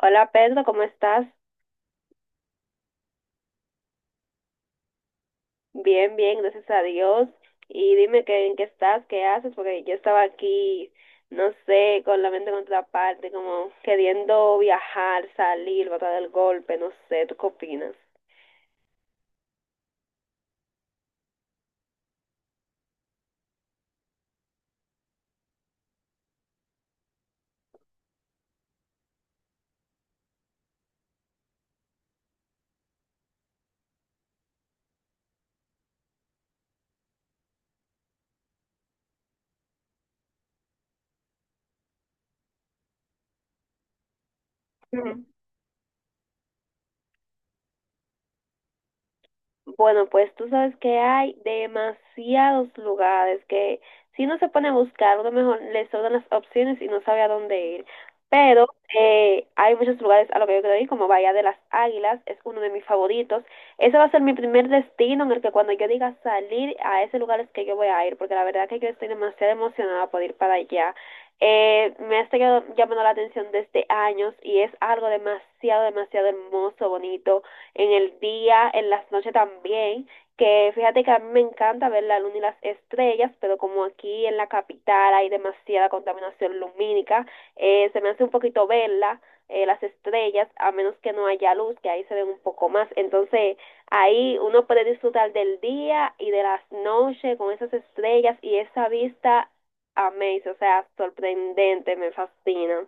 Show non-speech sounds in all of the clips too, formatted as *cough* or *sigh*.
Hola Pedro, ¿cómo estás? Bien, bien, gracias a Dios. Y dime que, en qué estás, qué haces, porque yo estaba aquí, no sé, con la mente en otra parte, como queriendo viajar, salir, botar el golpe, no sé, ¿tú qué opinas? Ujú. Bueno, pues tú sabes que hay demasiados lugares que si uno se pone a buscar, uno mejor le sobran las opciones y no sabe a dónde ir. Pero hay muchos lugares a lo que yo quiero ir, como Bahía de las Águilas, es uno de mis favoritos. Ese va a ser mi primer destino en el que cuando yo diga salir a ese lugar es que yo voy a ir, porque la verdad que yo estoy demasiado emocionada por ir para allá. Me ha estado llamando la atención desde años y es algo demasiado, demasiado hermoso, bonito en el día, en las noches también, que fíjate que a mí me encanta ver la luna y las estrellas, pero como aquí en la capital hay demasiada contaminación lumínica, se me hace un poquito verla, las estrellas, a menos que no haya luz, que ahí se ven un poco más. Entonces, ahí uno puede disfrutar del día y de las noches con esas estrellas y esa vista amazing, o sea, sorprendente, me fascina.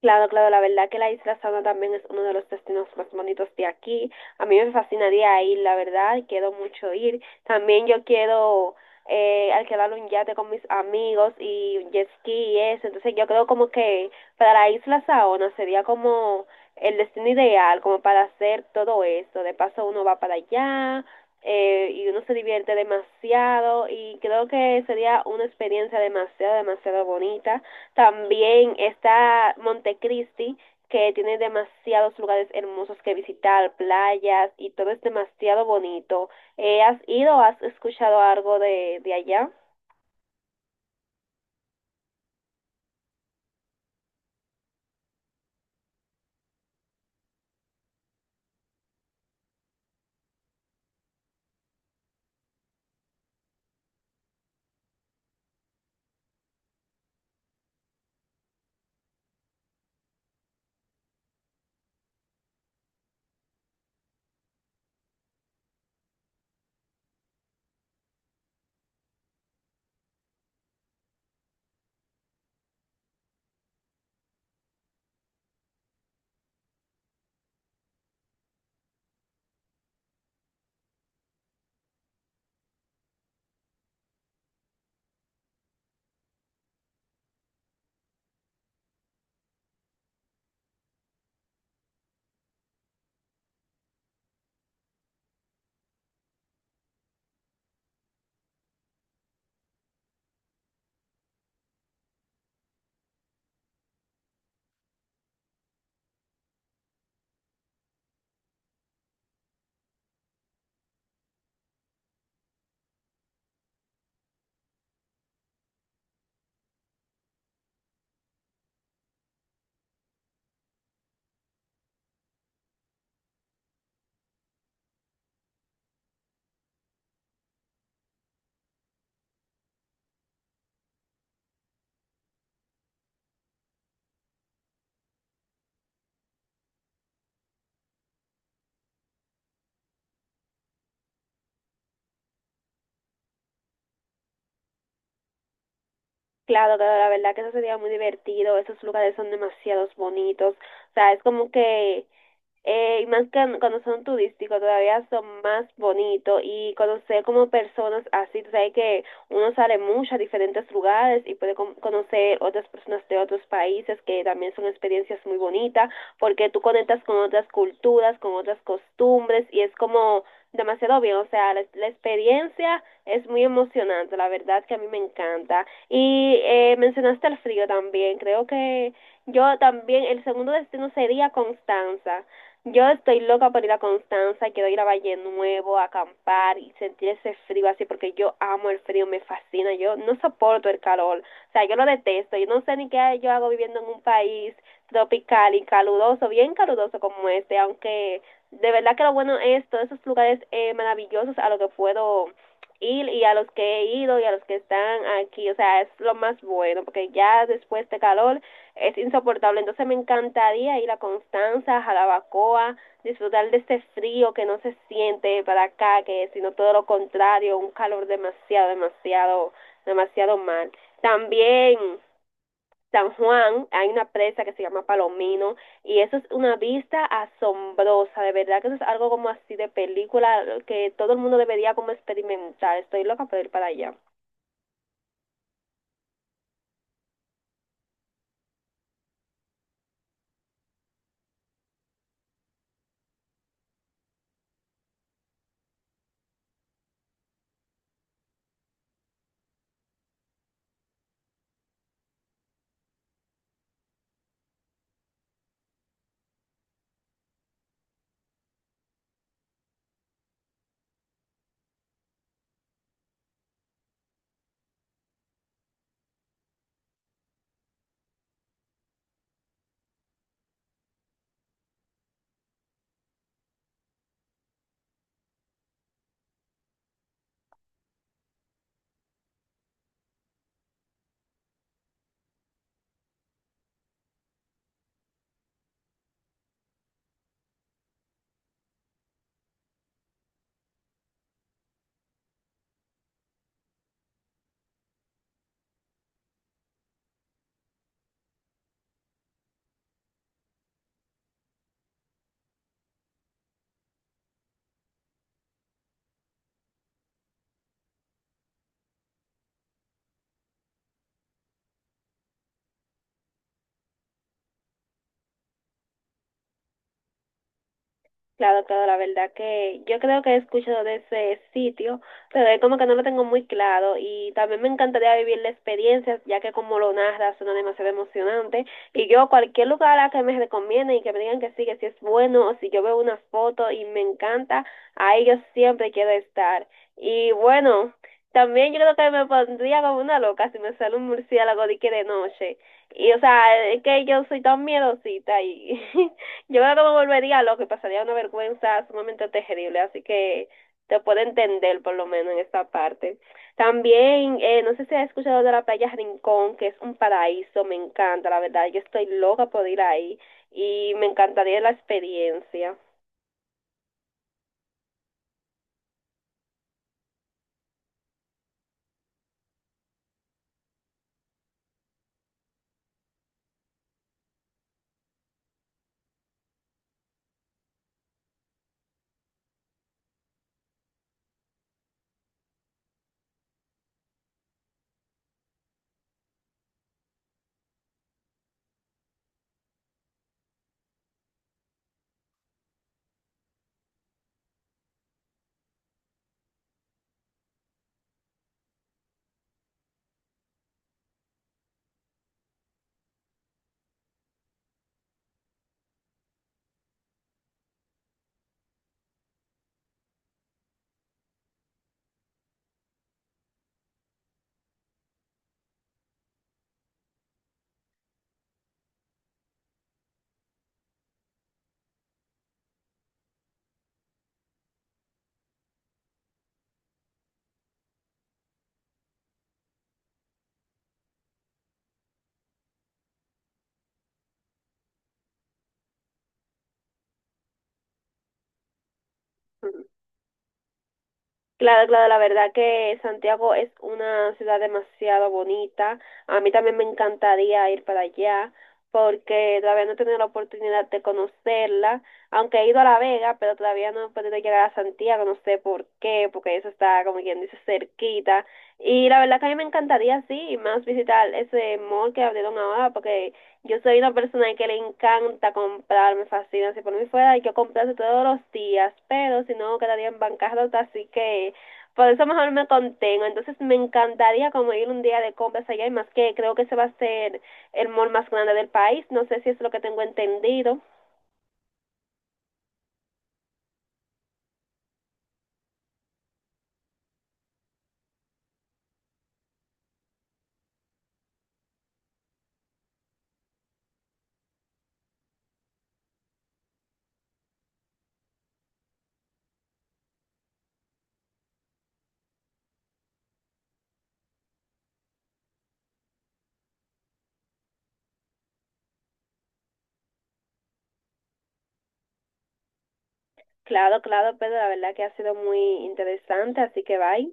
Claro, claro, la verdad que la Isla Saona también es uno de los destinos más bonitos de aquí. A mí me fascinaría ir, la verdad, quiero mucho ir. También yo quiero alquilar un yate con mis amigos y un jet ski y eso. Entonces yo creo como que para la Isla Saona sería como el destino ideal, como para hacer todo eso. De paso uno va para allá y uno se divierte demasiado y creo que sería una experiencia demasiado, demasiado bonita. También está Montecristi, que tiene demasiados lugares hermosos que visitar, playas y todo es demasiado bonito. ¿Has ido o has escuchado algo de allá? Claro, claro, la verdad que eso sería muy divertido, esos lugares son demasiados bonitos, o sea, es como que y más que cuando son turísticos todavía son más bonitos y conocer como personas así, tú sabes que uno sale mucho a diferentes lugares y puede conocer otras personas de otros países que también son experiencias muy bonitas porque tú conectas con otras culturas, con otras costumbres y es como demasiado bien, o sea, la experiencia es muy emocionante, la verdad que a mí me encanta. Y mencionaste el frío también, creo que yo también, el segundo destino sería Constanza. Yo estoy loca por ir a Constanza, quiero ir a Valle Nuevo, a acampar y sentir ese frío así, porque yo amo el frío, me fascina, yo no soporto el calor, o sea, yo lo detesto, yo no sé ni qué yo hago viviendo en un país tropical y caluroso, bien caluroso como este, aunque de verdad que lo bueno es todos esos lugares maravillosos a los que puedo ir y a los que he ido y a los que están aquí, o sea, es lo más bueno, porque ya después de calor es insoportable. Entonces me encantaría ir a Constanza, Jalabacoa, disfrutar de este frío que no se siente para acá, que sino todo lo contrario, un calor demasiado, demasiado, demasiado mal. También San Juan, hay una presa que se llama Palomino y eso es una vista asombrosa, de verdad que eso es algo como así de película que todo el mundo debería como experimentar. Estoy loca por ir para allá. Claro, claro, la verdad que yo creo que he escuchado de ese sitio, pero es como que no lo tengo muy claro y también me encantaría vivir la experiencia, ya que como lo narras suena demasiado emocionante y yo cualquier lugar a que me recomienden y que me digan que sí es bueno o si yo veo una foto y me encanta, ahí yo siempre quiero estar. Y bueno, también yo creo que me pondría como una loca si me sale un murciélago de que de noche. Y o sea, es que yo soy tan miedosita y... *laughs* Yo creo que me volvería loco y pasaría una vergüenza sumamente terrible, así que te puedo entender por lo menos en esta parte. También, no sé si has escuchado de la playa Rincón, que es un paraíso, me encanta, la verdad, yo estoy loca por ir ahí y me encantaría la experiencia. Claro, claro, la verdad que Santiago es una ciudad demasiado bonita. A mí también me encantaría ir para allá porque todavía no he tenido la oportunidad de conocerla, aunque he ido a La Vega, pero todavía no he podido llegar a Santiago, no sé por qué, porque eso está, como quien dice, cerquita. Y la verdad que a mí me encantaría, sí, y más visitar ese mall que abrieron ahora, porque yo soy una persona que le encanta comprar, me fascina. Si por mí fuera, hay que comprarse todos los días, pero si no, quedaría en bancarrota, así que por eso mejor me contengo. Entonces, me encantaría como ir un día de compras allá, y más que creo que ese va a ser el mall más grande del país. No sé si es lo que tengo entendido. Claro, claro, pero la verdad que ha sido muy interesante, así que bye.